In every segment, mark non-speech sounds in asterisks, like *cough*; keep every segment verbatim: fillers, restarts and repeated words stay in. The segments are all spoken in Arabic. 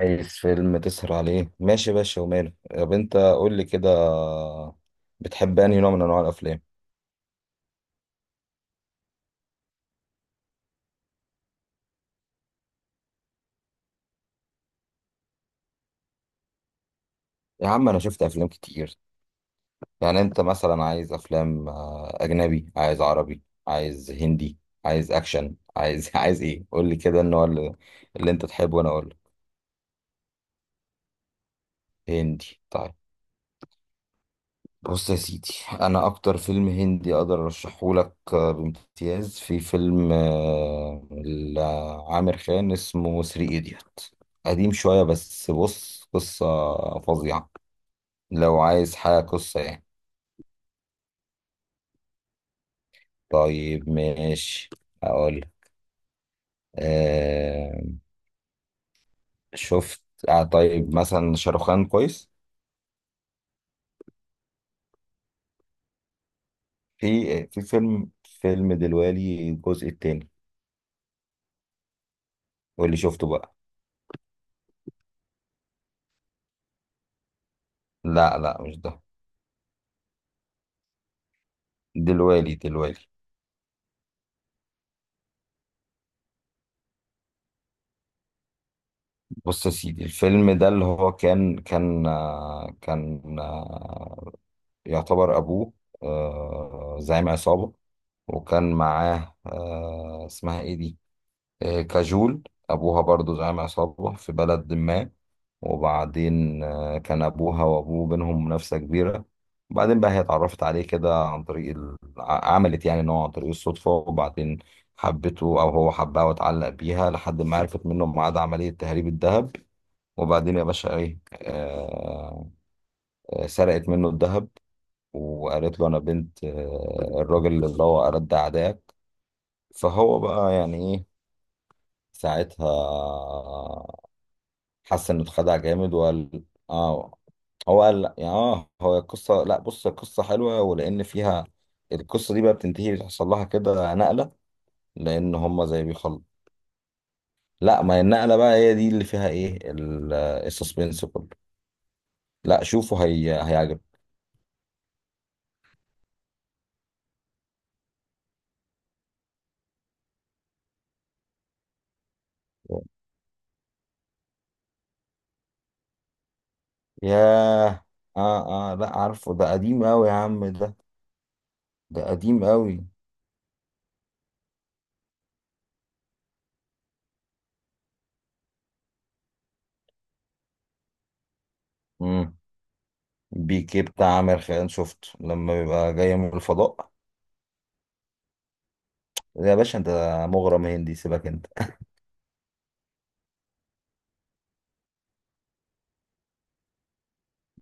عايز فيلم تسهر عليه، ماشي يا باشا وماله. طب انت قول لي كده، بتحب انهي نوع من انواع الافلام؟ يا عم انا شفت افلام كتير. يعني انت مثلا عايز افلام آه، اجنبي، عايز عربي، عايز هندي، عايز اكشن، عايز *laughs* عايز ايه؟ قول لي كده النوع اللي, اللي انت تحبه وانا اقول لك. هندي؟ طيب، بص يا سيدي، انا اكتر فيلم هندي اقدر ارشحه لك آه، بامتياز في فيلم آه، لعامر خان اسمه ثري ايديوت. قديم شوية بس بص قصة فظيعة لو عايز حاجة قصة يعني. طيب ماشي، اقول أه شفت آه طيب مثلا شاروخان كويس. في في فيلم فيلم دلوالي الجزء التاني، واللي شفته بقى. لا لا مش ده، دلوالي دلوالي. بص يا سيدي الفيلم ده اللي هو كان كان آه، كان آه، يعتبر أبوه آه، زعيم عصابة، وكان معاه آه، اسمها إيه دي؟ آه، كاجول. أبوها برضو زعيم عصابة في بلد ما، وبعدين آه، كان أبوها وأبوه بينهم منافسة كبيرة. وبعدين بقى هي اتعرفت عليه كده عن طريق ال... ع- عملت يعني إن هو عن طريق الصدفة، وبعدين حبته أو هو حبها واتعلق بيها لحد ما عرفت منه ميعاد عملية تهريب الذهب. وبعدين يا باشا ايه آه آه، سرقت منه الذهب، وقالت له انا بنت آه الراجل اللي هو أرد أعدائك. فهو بقى يعني ايه ساعتها، حس انه اتخدع جامد وقال اه هو قال لا، يعني اه هو القصة، لا بص القصة حلوة ولأن فيها، القصة دي بقى بتنتهي بيحصل لها كده نقلة، لأن هما زي بيخل. لا ما هي النقلة بقى هي دي اللي فيها ايه ال- السسبنس كله. لا شوفوا هي هيعجبك. ياه، اه اه لا عارفه، ده قديم قوي يا عم ده ده قديم قوي. امم بيكي بتاع عامر خان شفته لما بيبقى جاي من الفضاء؟ يا باشا انت مغرم هندي، سيبك انت.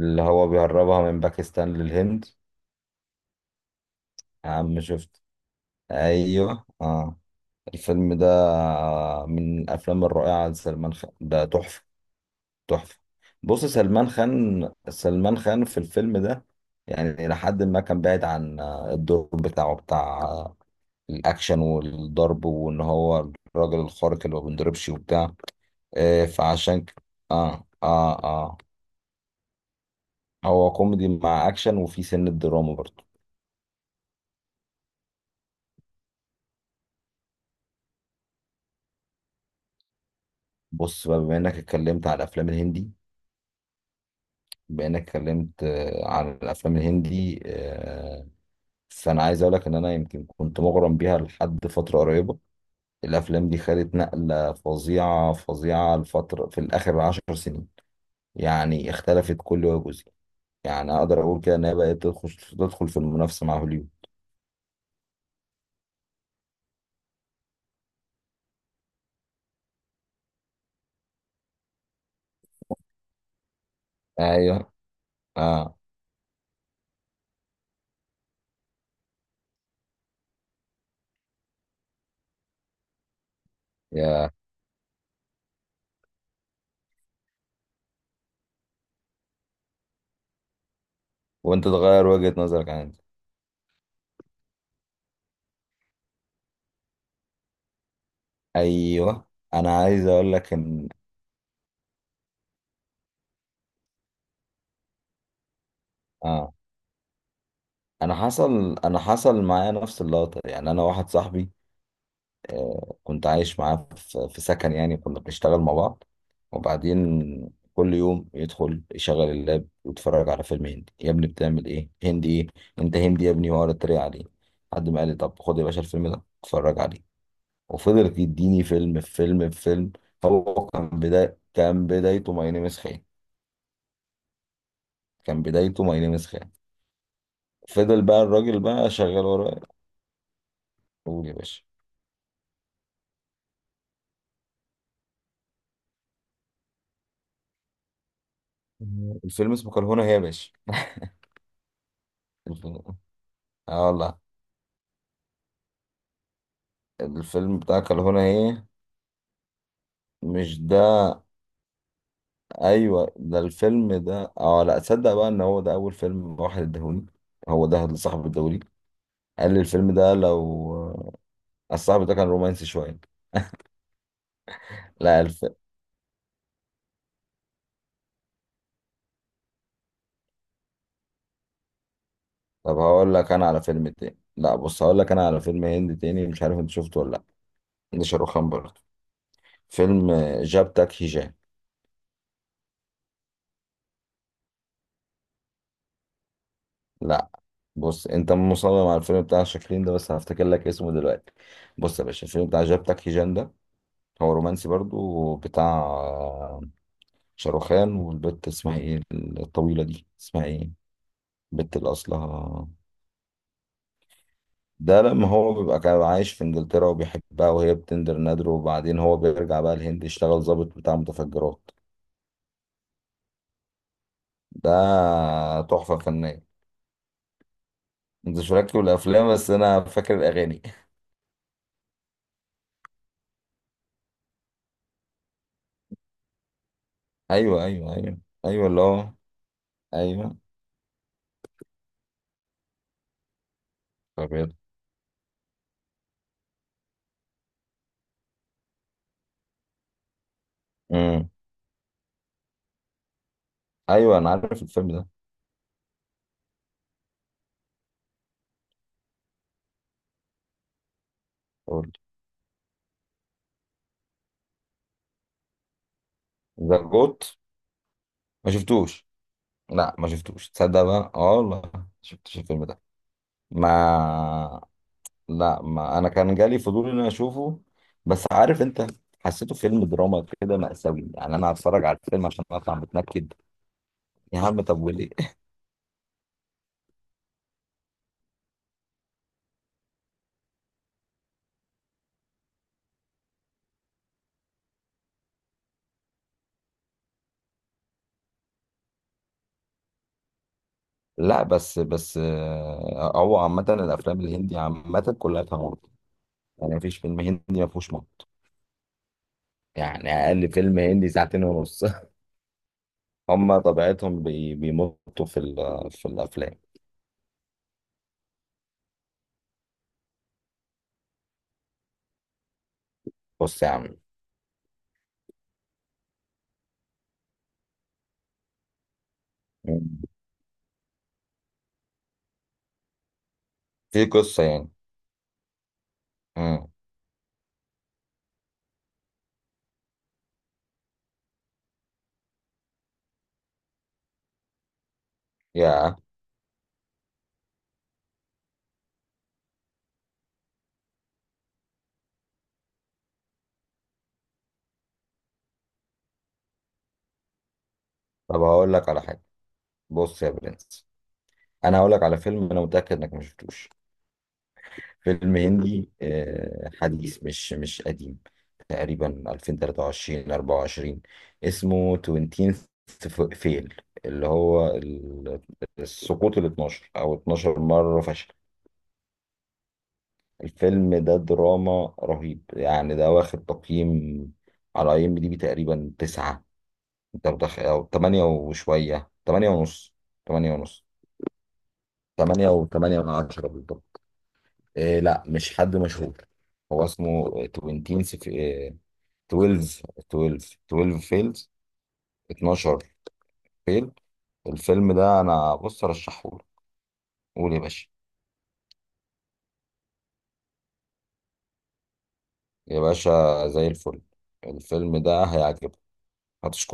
اللي هو بيهربها من باكستان للهند. يا عم شفت، ايوه اه الفيلم ده من الافلام الرائعه لسلمان خان، ده تحفه، تحفه. بص سلمان خان، سلمان خان في الفيلم ده يعني لحد ما كان بعيد عن الدور بتاعه، بتاع الاكشن والضرب وان هو الراجل الخارق اللي ما بينضربش وبتاع، آه، فعشان ك... اه اه اه هو كوميدي مع اكشن وفي سن الدراما برضه. بص بقى، بما انك اتكلمت على الافلام الهندي بما انك اتكلمت آه، عن الافلام الهندي، آه، فانا عايز اقول لك ان انا يمكن كنت مغرم بيها لحد فتره قريبه. الافلام دي خدت نقله فظيعه فظيعه الفتره في الاخر عشر سنين، يعني اختلفت كل وجه. يعني اقدر اقول كده ان هي بقت تدخل تدخل في المنافسه مع هوليوود. ايوه، اه يا وانت تغير وجهه نظرك عن دي. ايوه انا عايز اقول لك ان اه انا حصل انا حصل معايا نفس اللقطه. يعني انا واحد صاحبي كنت عايش معاه في في سكن، يعني كنا بنشتغل مع بعض، وبعدين كل يوم يدخل يشغل اللاب ويتفرج على فيلم هندي. يا ابني بتعمل ايه؟ هندي ايه؟ انت هندي يا ابني، واقعد اتريق عليه، لحد ما قال لي طب خد يا باشا الفيلم ده اتفرج عليه، وفضلت يديني فيلم في فيلم في فيلم. هو كان بداية كان بدايته ماي نيم از خان، كان بدايته ماي نيم از خان فضل بقى الراجل بقى شغال وراه. قول يا باشا. الفيلم اسمه كرهونة هي يا باشا، الفيلم- اه والله الفيلم بتاع كرهونة هي، مش ده؟ ايوه ده الفيلم ده. اه لا تصدق بقى ان هو ده اول فيلم واحد اداهوني، هو ده اللي صاحب الدوري قال لي الفيلم ده لو، الصاحب ده كان رومانسي شويه. لا الف... طب هقول لك انا على فيلم تاني. لا بص هقول لك انا على فيلم هندي تاني مش عارف انت شفته ولا لا. ده شاروخ خان برضه، فيلم آه، جاب تاك هيجان. لا بص انت مصمم على الفيلم بتاع شاكرين ده، بس هفتكر لك اسمه دلوقتي. بص يا باشا الفيلم بتاع جاب تاك هيجان ده، هو رومانسي برضه بتاع شاروخان، والبت اسمها ايه الطويلة دي؟ اسمها ايه البت اللي اصلها؟ ده لما هو بيبقى كان عايش في انجلترا وبيحبها وهي بتندر نادره، وبعدين هو بيرجع بقى الهند يشتغل ضابط بتاع متفجرات. ده تحفة فنية. انت شاركت بالافلام بس انا فاكر الاغاني. *laughs* ايوه ايوه ايوه، ايوه اللي هو، ايوه. طب يلا. امم ايوه انا عارف الفيلم ده. قول. ذا جوت، ما شفتوش؟ لا ما شفتوش، تصدق بقى اه والله ما شفتش الفيلم ده. ما لا، ما انا كان جالي فضول ان انا اشوفه، بس عارف انت، حسيته فيلم دراما كده مأساوي، يعني انا هتفرج على الفيلم عشان اطلع متنكد. يا عم طب وليه؟ لا بس بس آه، هو عامة الأفلام الهندي عامة كلها فيها مط، يعني مفيش فيلم هندي ما فيهوش مط، يعني أقل فيلم هندي ساعتين ونص. *laughs* هما طبيعتهم بي- بيمطوا في ال- في الأفلام. بص يا عم. مم. في قصة يعني. مم. يا طب هقول لك على حاجة. بص يا برنس، أنا هقول لك على فيلم أنا متأكد إنك ما شفتوش، فيلم هندي آه، حديث، مش مش قديم، تقريبا ألفين وثلاثة وعشرين أربعة وعشرين، اسمه عشرين فيل، اللي هو ال- السقوط ال اتناشر، او اثنا عشر مرة فشل. الفيلم ده دراما رهيب، يعني ده واخد تقييم على اي ام دي بي تقريبا تسعة، انت متخ... او تمانية وشوية، تمانية ونص، تمانية ونص، تمانية و تمانية من عشرة بالضبط. إيه؟ لا مش حد مشهور. هو اسمه عشرين اتناشر اتناشر اتناشر فيلز، اتناشر فيل. الفيلم ده انا بص ارشحهولك. قول يا باشا. يا باشا زي الفل، الفيلم ده هيعجبك، هتشكرني.